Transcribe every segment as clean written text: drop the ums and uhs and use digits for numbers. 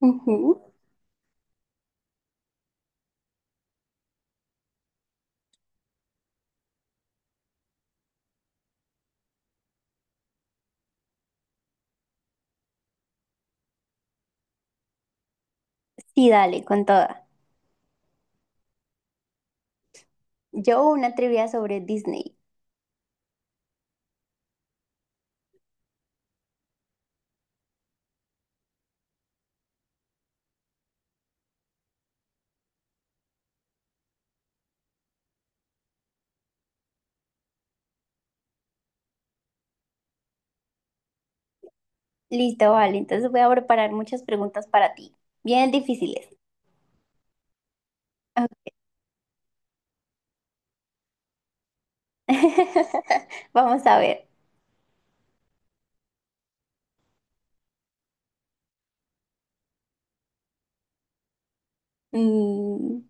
Ujú. Sí, dale, con toda. Yo una trivia sobre Disney. Listo, vale. Entonces voy a preparar muchas preguntas para ti, bien difíciles. Ok. Vamos a ver. Mm,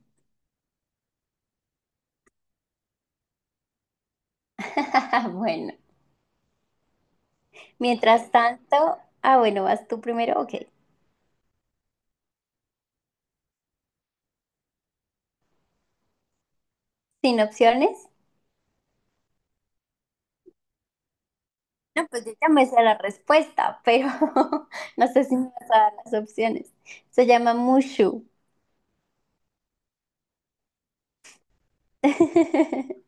bueno, mientras tanto, bueno, vas tú primero, ok. Sin opciones. No, pues yo ya me sé la respuesta, pero no sé si me vas a dar las opciones. Se llama Mushu.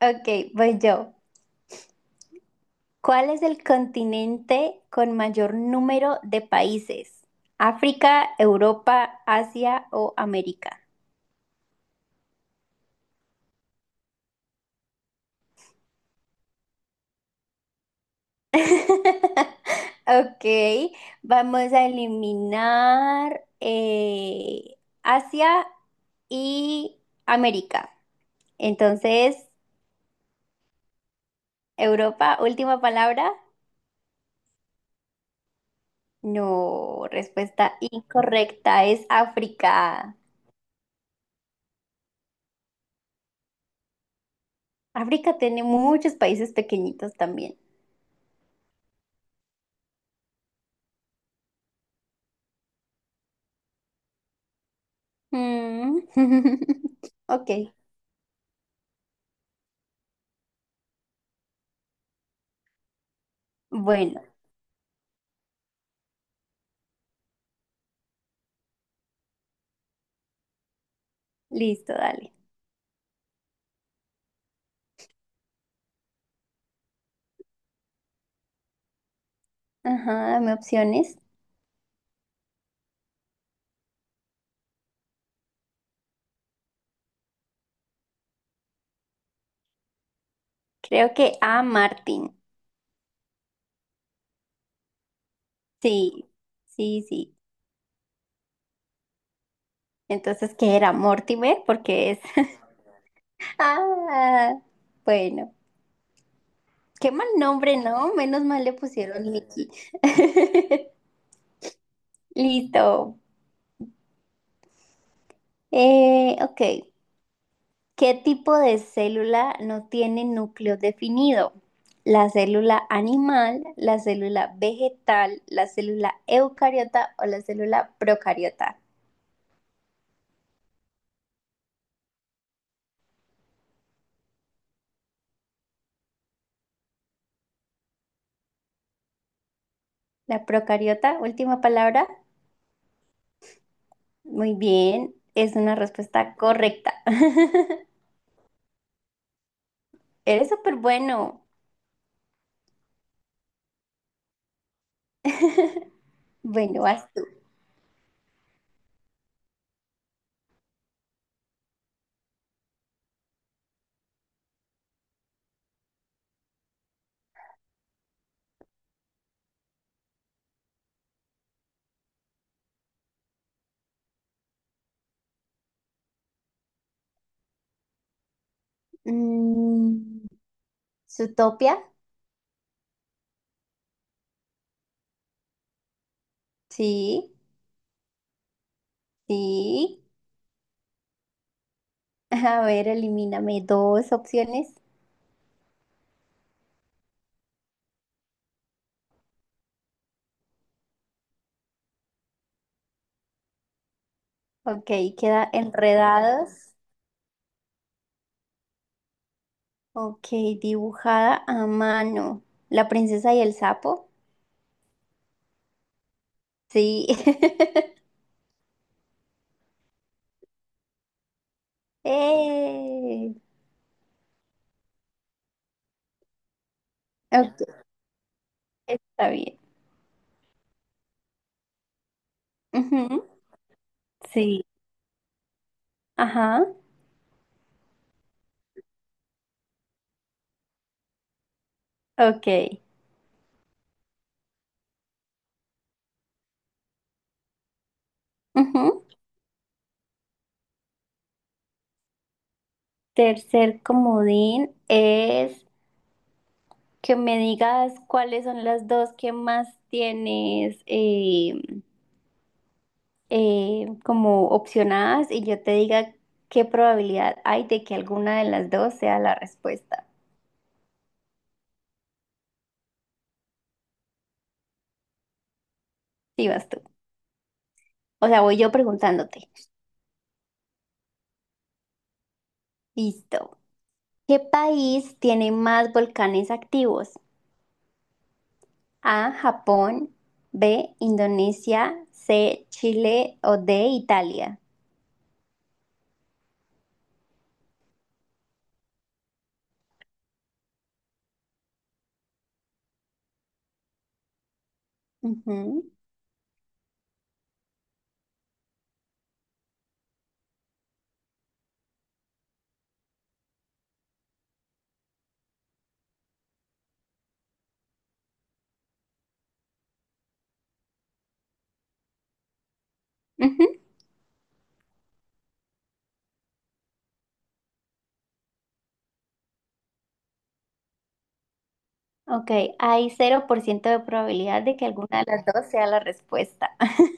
Ok, voy yo. ¿Cuál es el continente con mayor número de países? ¿África, Europa, Asia o América? Ok, vamos a eliminar Asia y América. Entonces, Europa, última palabra. No, respuesta incorrecta, es África. África tiene muchos países pequeñitos también. Mm. Ok, bueno, listo, dale. Ajá, dame opciones. Creo que A, Martin. Sí, sí, sí. Entonces, ¿qué era? Mortimer, porque es... Ah, bueno. Qué mal nombre, ¿no? Menos mal le pusieron Nicky. Listo. Ok. ¿Qué tipo de célula no tiene núcleo definido? ¿La célula animal, la célula vegetal, la célula eucariota o la célula procariota? La procariota, última palabra. Muy bien, es una respuesta correcta. Eres súper bueno. Bueno, vas tú. Mm, ¿Zootopia? Sí, sí. A ver, elimíname dos opciones. Ok, queda enredados. Ok, dibujada a mano. La princesa y el sapo. Sí. ¡Eh! Ok, está bien. Ujú, sí. Ajá. Ok. Ujú. Tercer comodín es que me digas cuáles son las dos que más tienes como opcionadas y yo te diga qué probabilidad hay de que alguna de las dos sea la respuesta. Sí, vas tú. O sea, voy yo preguntándote. Listo. ¿Qué país tiene más volcanes activos? A, Japón, B, Indonesia, C, Chile o D, Italia. Ujú. Ok, hay 0% de probabilidad de que alguna de las dos sea la respuesta.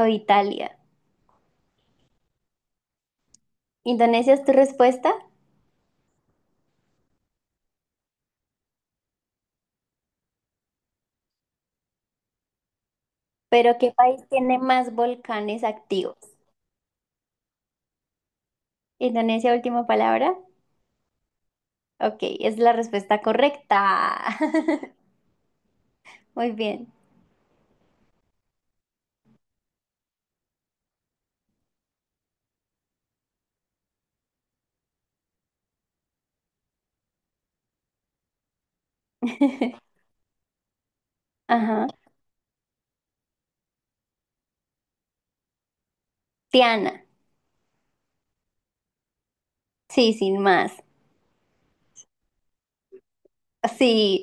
O Italia. Indonesia es tu respuesta, pero ¿qué país tiene más volcanes activos? Indonesia, última palabra. Ok, es la respuesta correcta. Muy bien. Ajá. Tiana. Sí, sin más. Sí.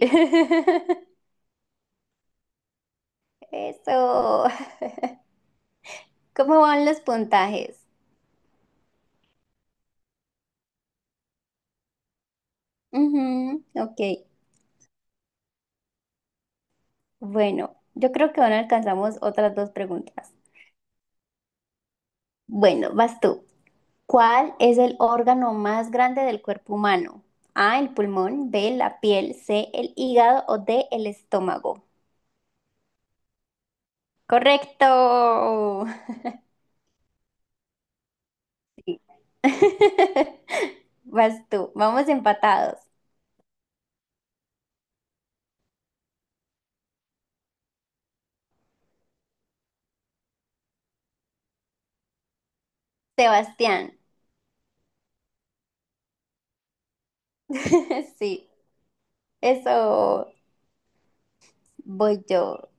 Eso. ¿Cómo van los puntajes? Ujú, ok. Bueno, yo creo que ahora alcanzamos otras dos preguntas. Bueno, vas tú. ¿Cuál es el órgano más grande del cuerpo humano? A, el pulmón, B, la piel, C, el hígado o D, el estómago. Correcto. Sí. Vas tú. Vamos empatados. Sebastián. Sí, eso, voy yo.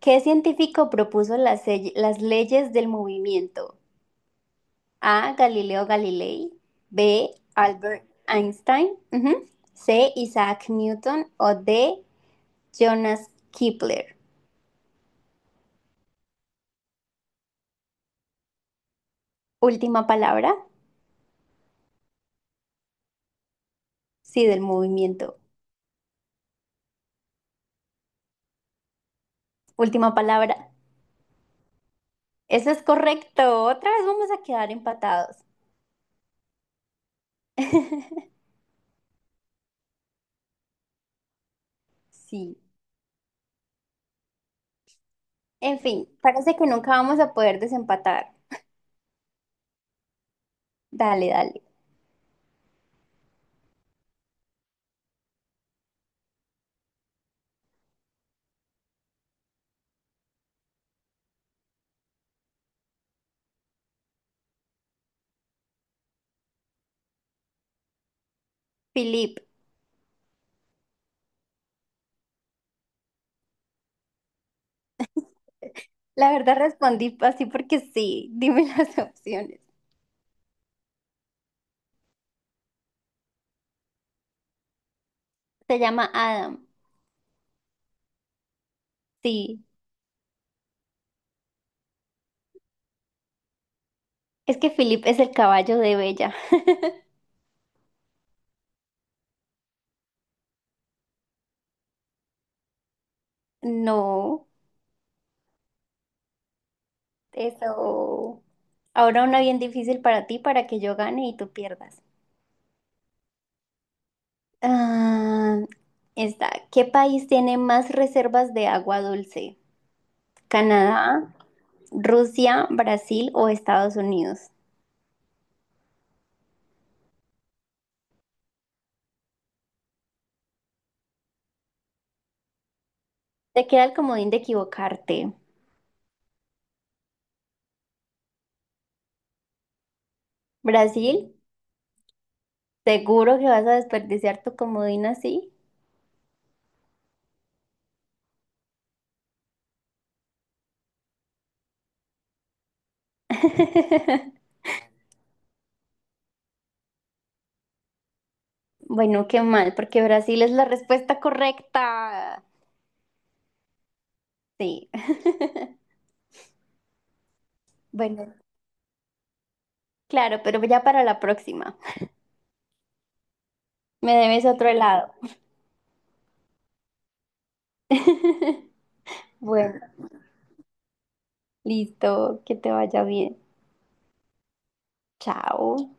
¿Qué científico propuso las, las leyes del movimiento? A. Galileo Galilei. B. Albert Einstein. Ujú. C. Isaac Newton. O D. Jonas Kepler. Última palabra. Sí, del movimiento. Última palabra. Eso es correcto. Otra vez vamos a quedar empatados. Sí. En fin, parece que nunca vamos a poder desempatar. Dale, dale. Philip, la verdad respondí así porque sí. Dime las opciones. Se llama Adam. Sí. Es que Philip es el caballo de Bella. No, eso. Ahora una bien difícil para ti, para que yo gane y tú pierdas. Ah, está. ¿Qué país tiene más reservas de agua dulce? ¿Canadá, Rusia, Brasil o Estados Unidos? Te queda el comodín de equivocarte. Brasil, seguro que vas a desperdiciar tu comodín así. Bueno, qué mal, porque Brasil es la respuesta correcta. Sí. Bueno, claro, pero ya para la próxima. Me debes otro helado. Bueno, listo, que te vaya bien. Chao.